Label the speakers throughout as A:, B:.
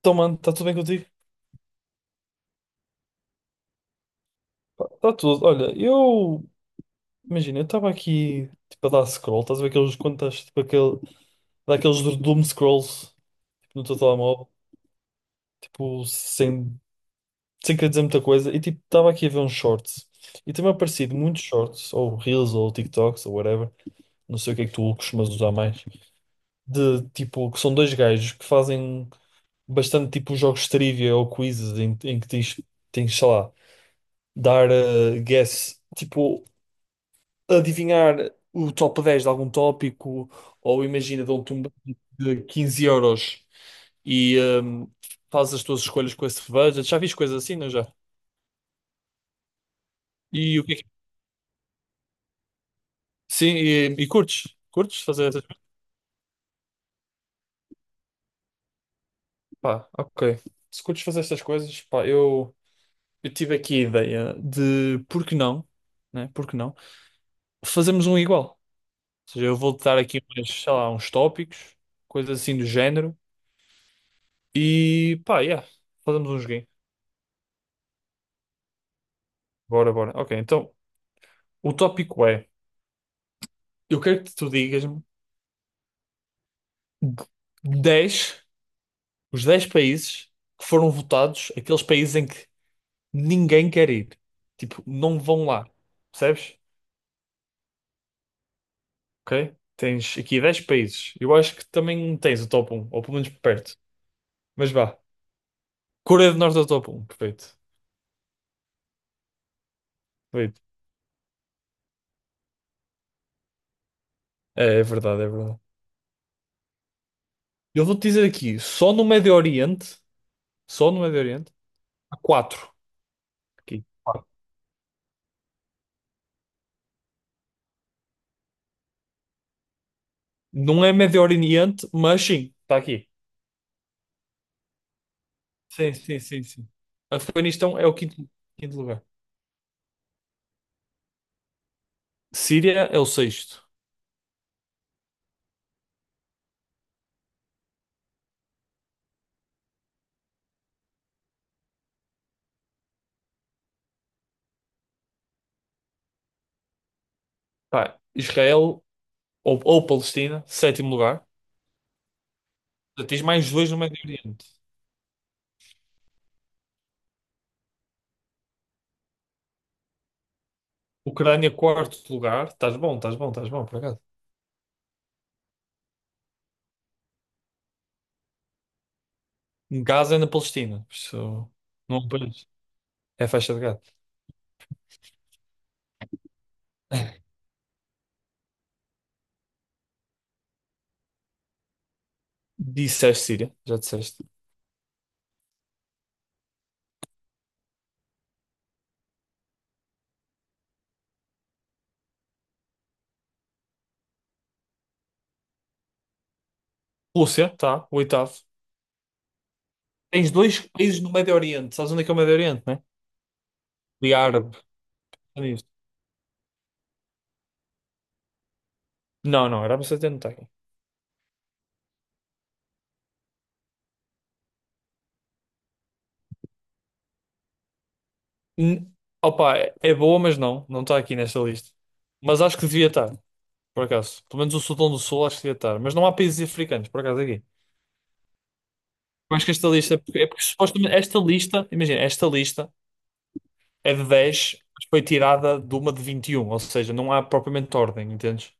A: Então, mano, está tudo bem contigo? Está tudo. Olha, eu. Imagina, eu estava aqui, tipo, a dar scroll. Estás a ver aqueles. Quando estás, tipo, aquele. Daqueles do doom scrolls, tipo, no teu telemóvel. Tipo, sem. Sem querer dizer muita coisa. E, tipo, estava aqui a ver uns shorts. E tem-me aparecido muitos shorts, ou reels, ou TikToks, ou whatever. Não sei o que é que tu costumas usar mais. De, tipo, que são dois gajos que fazem bastante, tipo, jogos de trivia ou quizzes em que tens, sei lá, dar guess. Tipo. Adivinhar o top 10 de algum tópico, ou imagina, dão-te um budget de 15 euros e fazes as tuas escolhas com esse budget. Já fiz coisas assim, não já? E o que é que... Sim, e curtes? Curtes fazer essas coisas? Pá, ok. Se curtes fazer estas coisas, pá, eu tive aqui a ideia de por que não, né? Por que não? Fazermos um igual. Ou seja, eu vou-te dar aqui uns, sei lá, uns tópicos, coisas assim do género. E pá, yeah, fazemos um joguinho. Bora, bora. Ok, então. O tópico é: eu quero que tu digas-me 10, os 10 países que foram votados, aqueles países em que ninguém quer ir. Tipo, não vão lá. Percebes? Ok? Tens aqui 10 países. Eu acho que também tens o top um, ou pelo menos perto. Mas vá. Coreia do Norte é o top um, perfeito. Perfeito. É, é verdade, é verdade. Eu vou-te dizer aqui: só no Médio Oriente, só no Médio Oriente, há 4. Aqui. Quatro. Não é Médio Oriente, mas sim, está aqui. Sim, sim, sim, sim. Afeganistão é o quinto, quinto lugar. Síria é o sexto. Pá, Israel ou Palestina, sétimo lugar. Já tens mais dois no Médio Oriente. Ucrânia, quarto lugar. Estás bom, estás bom, estás bom, por acaso. Gaza é na Palestina. Isso não é um país. É faixa de Gaza. Disseste Síria, já disseste. Rússia, tá, o oitavo. Tens dois países no Médio Oriente. Sabes onde é que é o Médio Oriente, né? E árabe. É nisto. Não, não, Arábia Saudita não tem. N- Opa, é boa, mas não. Não está aqui nesta lista. Mas acho que devia estar, por acaso. Pelo menos o Sudão do Sul acho que devia estar. Mas não há países africanos, por acaso, aqui. Eu acho que esta lista... supostamente esta lista... Imagina, esta lista é de 10, mas foi tirada de uma de 21. Ou seja, não há propriamente ordem, entendes?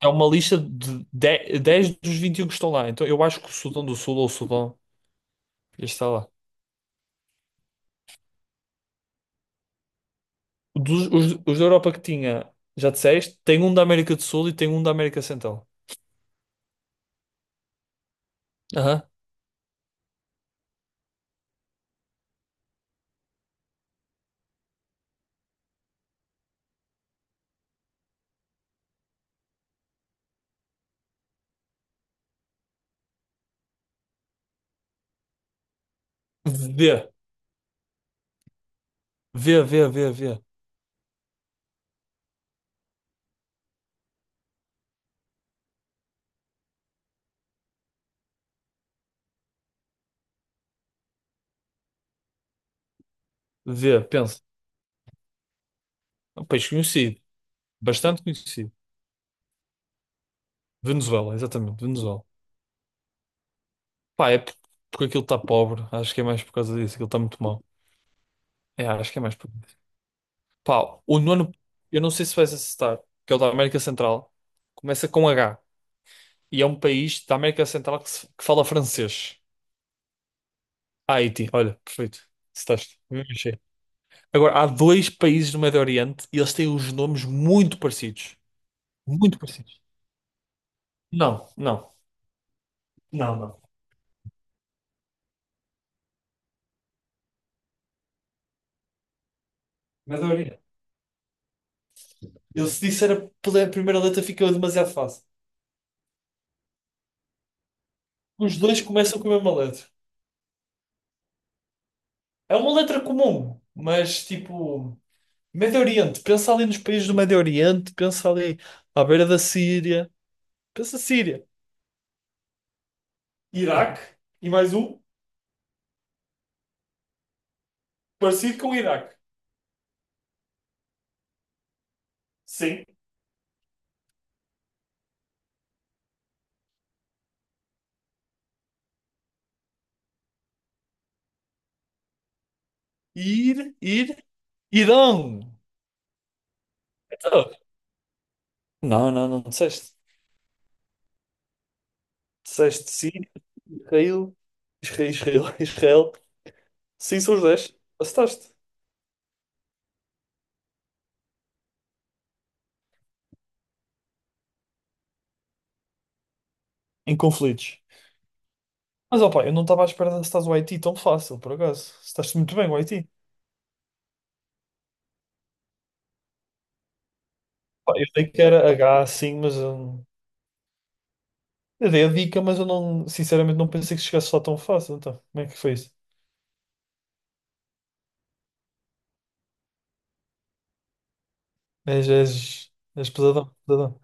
A: É uma lista de 10, 10 dos 21 que estão lá. Então eu acho que o Sudão do Sul ou o Sudão está lá. Os da Europa que tinha, já disseste, tem um da América do Sul e tem um da América Central. Aham. D. Vê, vê, vê, vê. Vê, pensa. É um país conhecido. Bastante conhecido. Venezuela, exatamente, Venezuela. Pá, porque aquilo está pobre. Acho que é mais por causa disso. Aquilo está muito mal. É, acho que é mais por causa disso. Pá, o nono, eu não sei se vais acertar, que é o da América Central. Começa com H. E é um país da América Central que, que fala francês. Ah, Haiti, olha, perfeito. Estás. Agora, há dois países do Médio Oriente e eles têm os nomes muito parecidos. Muito parecidos. Não, não. Não, não. Médio Oriente. Eu se disser a primeira letra fica demasiado fácil. Os dois começam com a mesma letra. É uma letra comum, mas tipo, Médio Oriente, pensa ali nos países do Médio Oriente, pensa ali à beira da Síria, pensa Síria, Iraque e mais um parecido com o Iraque. Sim. Ir, ir, Irão. Então, não, não, não disseste. Disseste Síria, Israel, Israel, Israel. Israel. Sim, são os 10. Acertaste. Em conflitos. Mas opa, eu não estava à espera de estás o Haiti tão fácil, por acaso. Estás muito bem, o Haiti. Pá, eu sei que era H sim, mas eu dei a dica, mas eu não, sinceramente não pensei que chegasse lá tão fácil. Então, como é que foi isso? És, és, és pesadão, pesadão.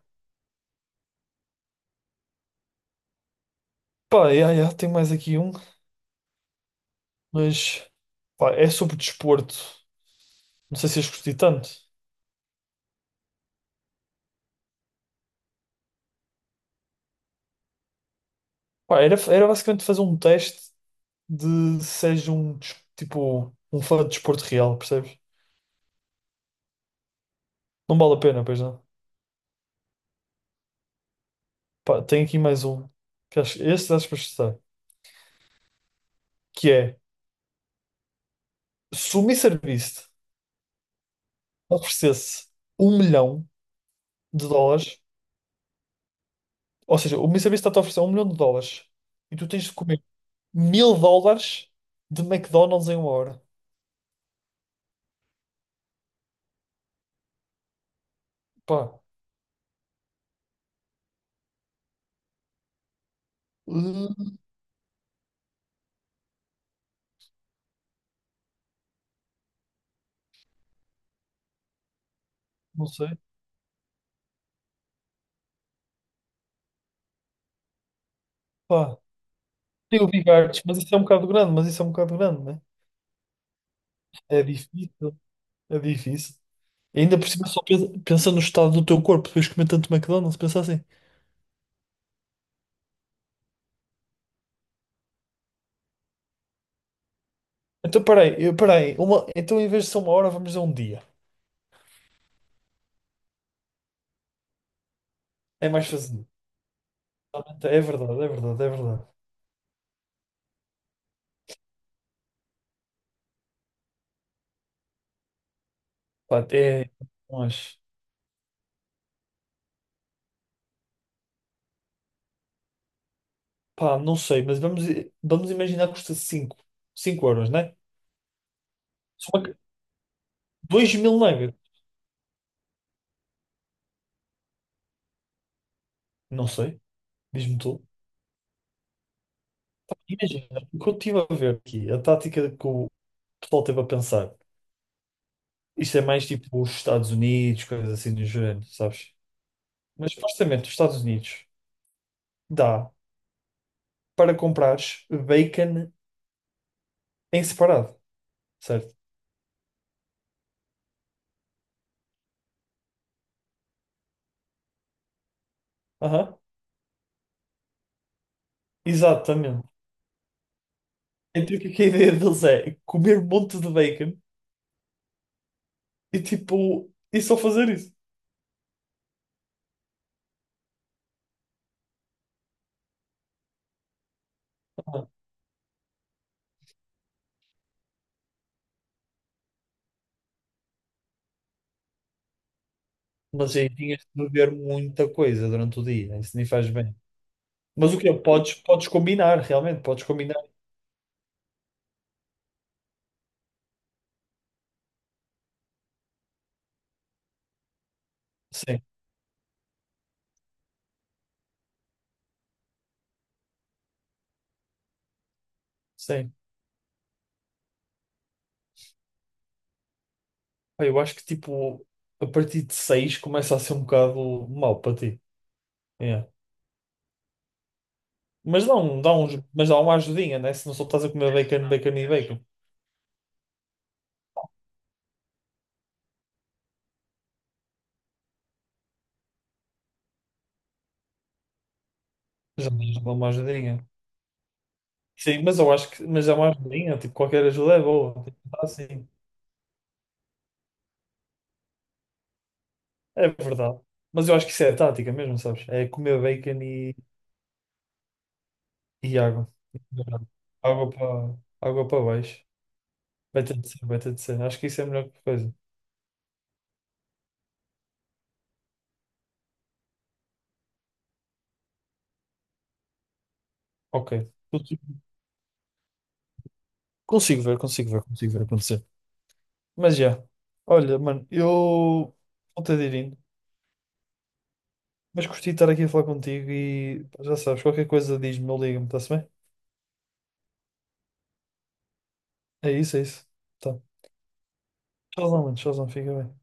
A: Pá, yeah, yeah, tenho mais aqui um, mas pá, é sobre desporto. Não sei se és curti tanto. Pá, era basicamente fazer um teste de se és um, tipo, um fã de desporto real, percebes? Não vale a pena, pois não. Pá, tenho aqui mais um. Que acho, este acho que é se o MrBeast oferecesse um milhão de dólares, ou seja, o MrBeast está-te a oferecer um milhão de dólares e tu tens de comer mil dólares de McDonald's em uma hora. Pá, hum, não sei. Pá, tem o Big Arts, mas isso é um bocado grande, mas isso é um bocado grande, né? É difícil, é difícil. E ainda por cima só pensa, pensa no estado do teu corpo depois de comer tanto McDonald's, pensa assim. Então, peraí, peraí, uma, então em vez de ser uma hora, vamos dizer um dia. É mais fácil. Realmente, é verdade, é verdade, é verdade. Pá, é, não acho. Pá, não sei, mas vamos imaginar que custa 5 euros, né? Só que 2 mil nuggets. Não sei, diz-me tu. Imagina, o que eu estive a ver aqui, a tática que o pessoal teve a pensar. Isto é mais tipo os Estados Unidos, coisas assim do género, sabes? Mas supostamente os Estados Unidos dá para comprares bacon em separado, certo? Aham, exatamente. Então o que é que a ideia deles é comer um monte de bacon e tipo, e só fazer isso. Mas aí tinhas de beber muita coisa durante o dia, isso nem faz bem. Mas o que é? Podes, podes combinar, realmente, podes combinar. Sim, sim. Pá, eu acho que tipo, a partir de 6 começa a ser um bocado mau para ti. É. Mas dá uns, mas dá uma ajudinha, né? Se não só estás a comer bacon, bacon e bacon. Já dá uma ajudinha. Sim, mas eu acho que, mas dá uma ajudinha, tipo, qualquer ajuda é boa. Tipo, dá assim. É verdade. Mas eu acho que isso é tática mesmo, sabes? É comer bacon e água. Água para água para baixo. Vai ter de ser, vai ter de ser. Acho que isso é a melhor coisa. Ok. Consigo ver, consigo ver, consigo ver acontecer. Mas já. Olha, mano, eu vou ter de ir indo. Mas gostei de estar aqui a falar contigo e pá, já sabes, qualquer coisa diz-me ou liga-me, está-se bem? É isso, é isso. Tá. Tchauzão, mano. Tchauzão, fica bem.